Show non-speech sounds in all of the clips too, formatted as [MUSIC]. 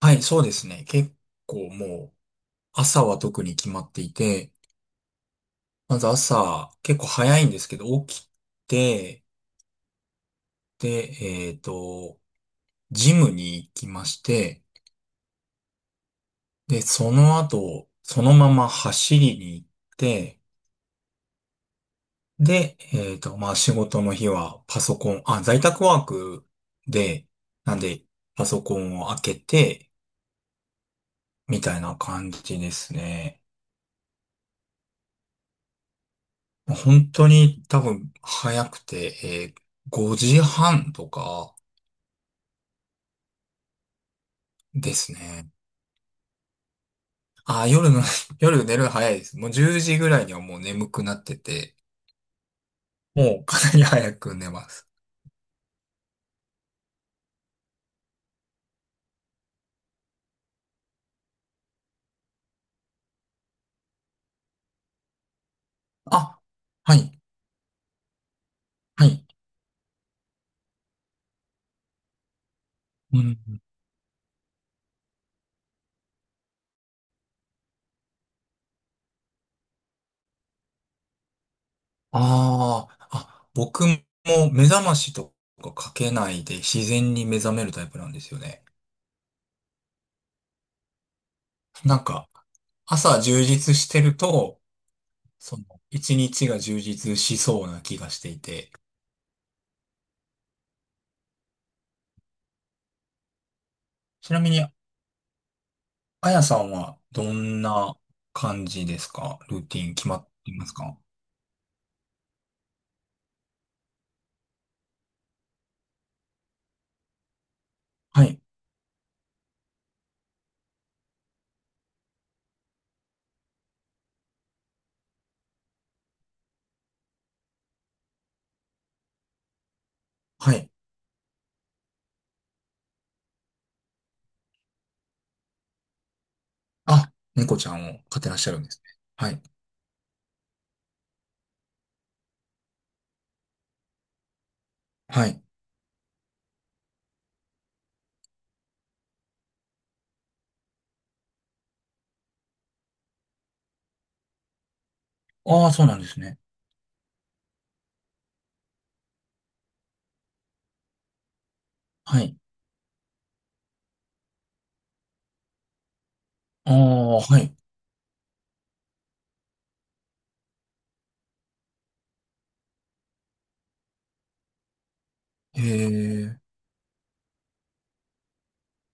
はい、そうですね。結構もう、朝は特に決まっていて、まず朝、結構早いんですけど、起きて、で、えっと、ジムに行きまして、で、その後、そのまま走りに行って、で、まあ仕事の日はパソコン、あ、在宅ワークで、なんで、パソコンを開けて、みたいな感じですね。本当に多分早くて、5時半とかですね。あー、夜の [LAUGHS] 夜寝るの早いです。もう10時ぐらいにはもう眠くなってて、もうかなり早く寝ます。あ、はい、はい。うん。あああ、僕も目覚ましとかかけないで自然に目覚めるタイプなんですよね。なんか、朝充実してると、その、一日が充実しそうな気がしていて、ちなみに、あやさんはどんな感じですか？ルーティン決まっていますか？はい。はい。あ、猫ちゃんを飼ってらっしゃるんですね。はい。はい。ああ、そうなんですね。はい。ああ、はい。へえ。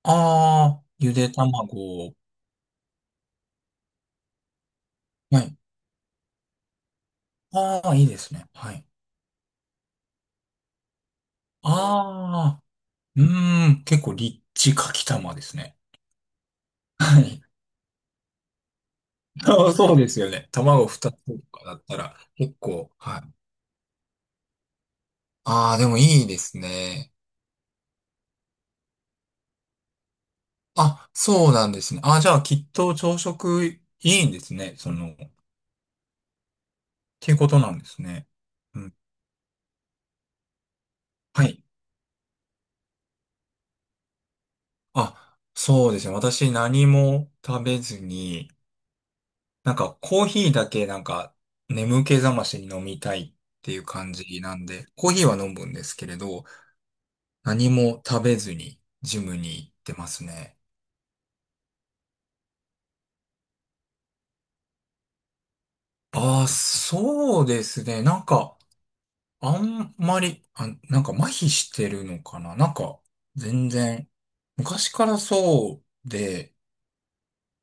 ああ、ゆで卵。はい。ああ、いいですね。はい。ああ、うーん、結構リッチかきたまですね。はい。[LAUGHS] ああ、そうですよね。卵2つとかだったら結構、はい。ああ、でもいいですね。あ、そうなんですね。あ、じゃあ、きっと朝食いいんですね。その、っていうことなんですね。うん。はい。あ、そうですね。私何も食べずに、なんかコーヒーだけなんか眠気覚ましに飲みたいっていう感じなんで、コーヒーは飲むんですけれど、何も食べずにジムに行ってますね。ああ、そうですね。なんか、あんまり、あ、なんか麻痺してるのかな。なんか、全然。昔からそうで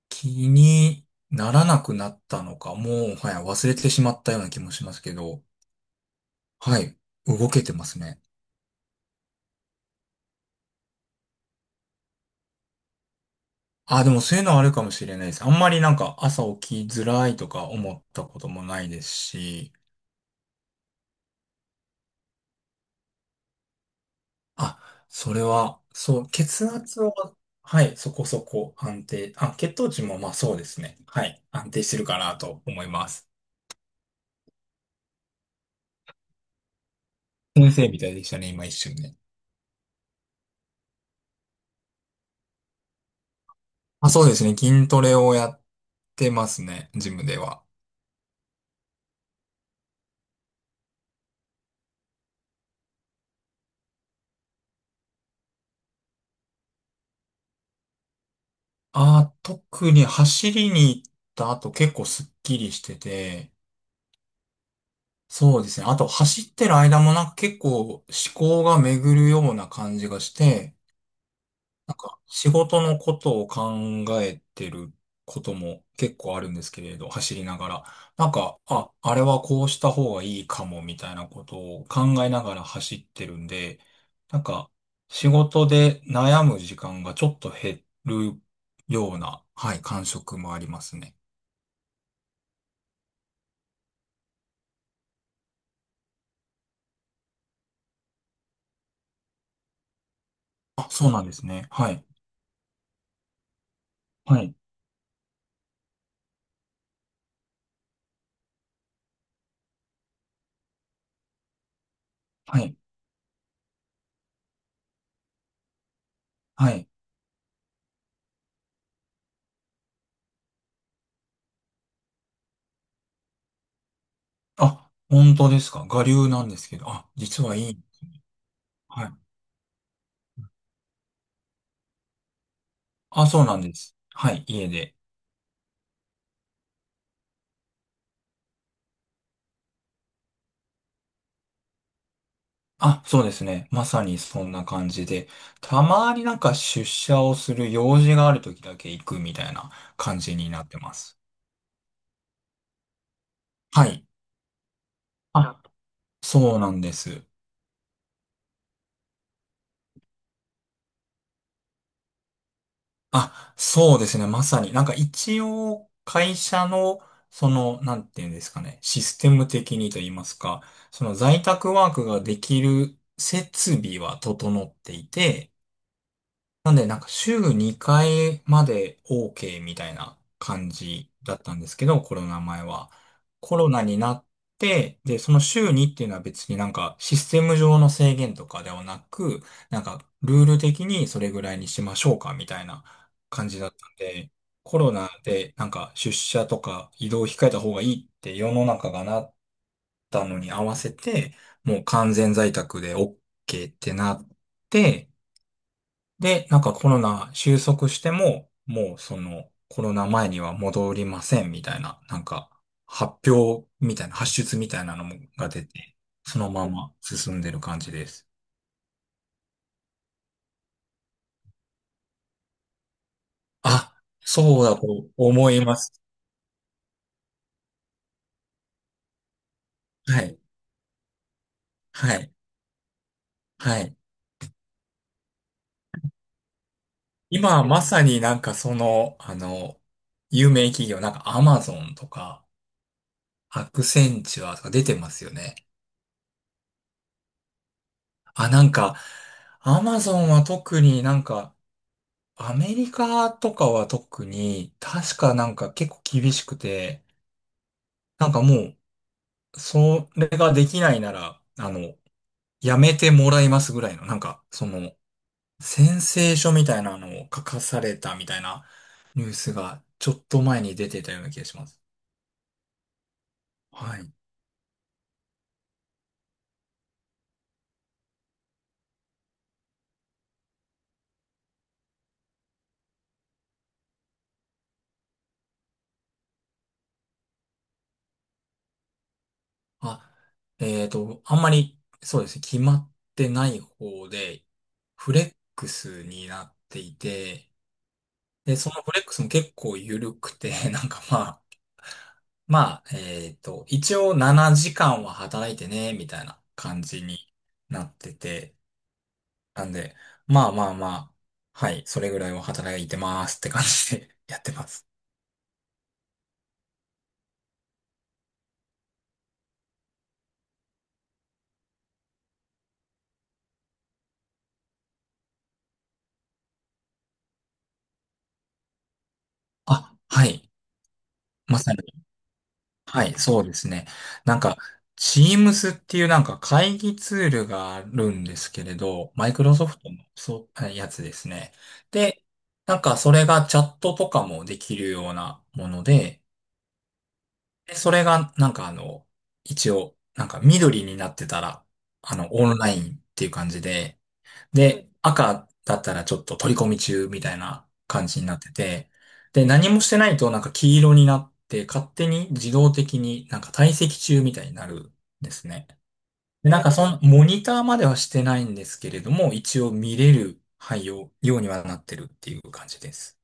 気にならなくなったのか、もう、はい、忘れてしまったような気もしますけど、はい、動けてますね。あ、でもそういうのはあるかもしれないです。あんまりなんか朝起きづらいとか思ったこともないですし、あ、それは、そう、血圧は、はい、そこそこ安定、あ、血糖値もまあそうですね。はい、安定してるかなと思います。先生みたいでしたね、今一瞬ね。まあ、そうですね。筋トレをやってますね。ジムでは。あ、特に走りに行った後結構スッキリしてて、そうですね。あと走ってる間もなんか結構思考が巡るような感じがして、なんか仕事のことを考えてることも結構あるんですけれど、走りながら。なんか、あ、あれはこうした方がいいかもみたいなことを考えながら走ってるんで、なんか仕事で悩む時間がちょっと減るような、はい、感触もありますね。あ、そうなんですね。はい。はい。はい。はい。あ、本当ですか？我流なんですけど。あ、実はいい。はい。あ、そうなんです。はい、家で。あ、そうですね。まさにそんな感じで、たまになんか出社をする用事がある時だけ行くみたいな感じになってます。はい。あ、そうなんです。あ、そうですね。まさに。なんか一応会社の、その、なんていうんですかね。システム的にと言いますか、その在宅ワークができる設備は整っていて、なんで、なんか週2回まで OK みたいな感じだったんですけど、コロナ前は。コロナになって、で、その週2っていうのは別になんかシステム上の制限とかではなく、なんかルール的にそれぐらいにしましょうかみたいな感じだったんで、コロナでなんか出社とか移動を控えた方がいいって世の中がなったのに合わせて、もう完全在宅で OK ってなって、で、なんかコロナ収束しても、もうそのコロナ前には戻りませんみたいな、なんか発表みたいな、発出みたいなのもが出て、そのまま進んでる感じです。あ、そうだと思います。はい、はい、はい。今まさになんかその、有名企業、なんかアマゾンとか、アクセンチュアとか出てますよね。あ、なんか、アマゾンは特になんか、アメリカとかは特に、確かなんか結構厳しくて、なんかもう、それができないなら、やめてもらいますぐらいの、なんか、その、宣誓書みたいなのを書かされたみたいなニュースが、ちょっと前に出てたような気がします。はい。あ、あんまり、そうですね、決まってない方で、フレックスになっていて、で、そのフレックスも結構緩くて、[LAUGHS] なんかまあ、まあ、一応7時間は働いてね、みたいな感じになってて、なんで、まあまあまあ、はい、それぐらいは働いてますって感じで [LAUGHS] やってます。あ、はい、まさに。はい、そうですね。なんか、Teams っていうなんか会議ツールがあるんですけれど、マイクロソフトのそう、やつですね。で、なんかそれがチャットとかもできるようなもので、でそれが、一応、なんか緑になってたら、オンラインっていう感じで、で、赤だったらちょっと取り込み中みたいな感じになってて、で、何もしてないとなんか黄色になって、勝手に自動的になんか退席中みたいになるんですね。で、なんかその、モニターまではしてないんですけれども、一応見れる配用、ようにはなってるっていう感じです。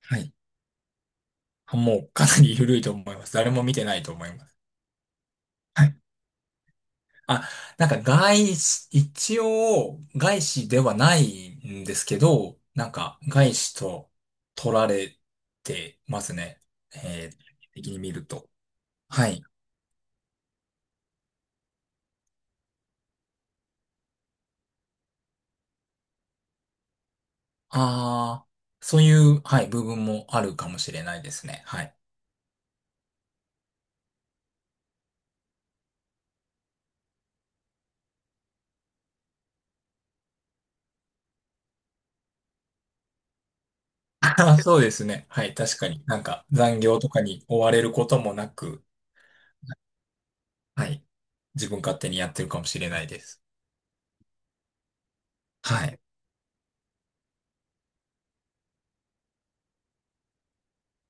はい。もうかなり緩いと思います。誰も見てないと思います。はい。あ、なんか外資、一応外資ではないんですけど、なんか外資と取られてますね。的に見ると。はい。ああ、そういう、はい、部分もあるかもしれないですね。はい。[LAUGHS] あーそうですね。はい、確かに。なんか残業とかに追われることもなく、はい。自分勝手にやってるかもしれないです。はい。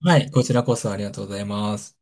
はい、こちらこそありがとうございます。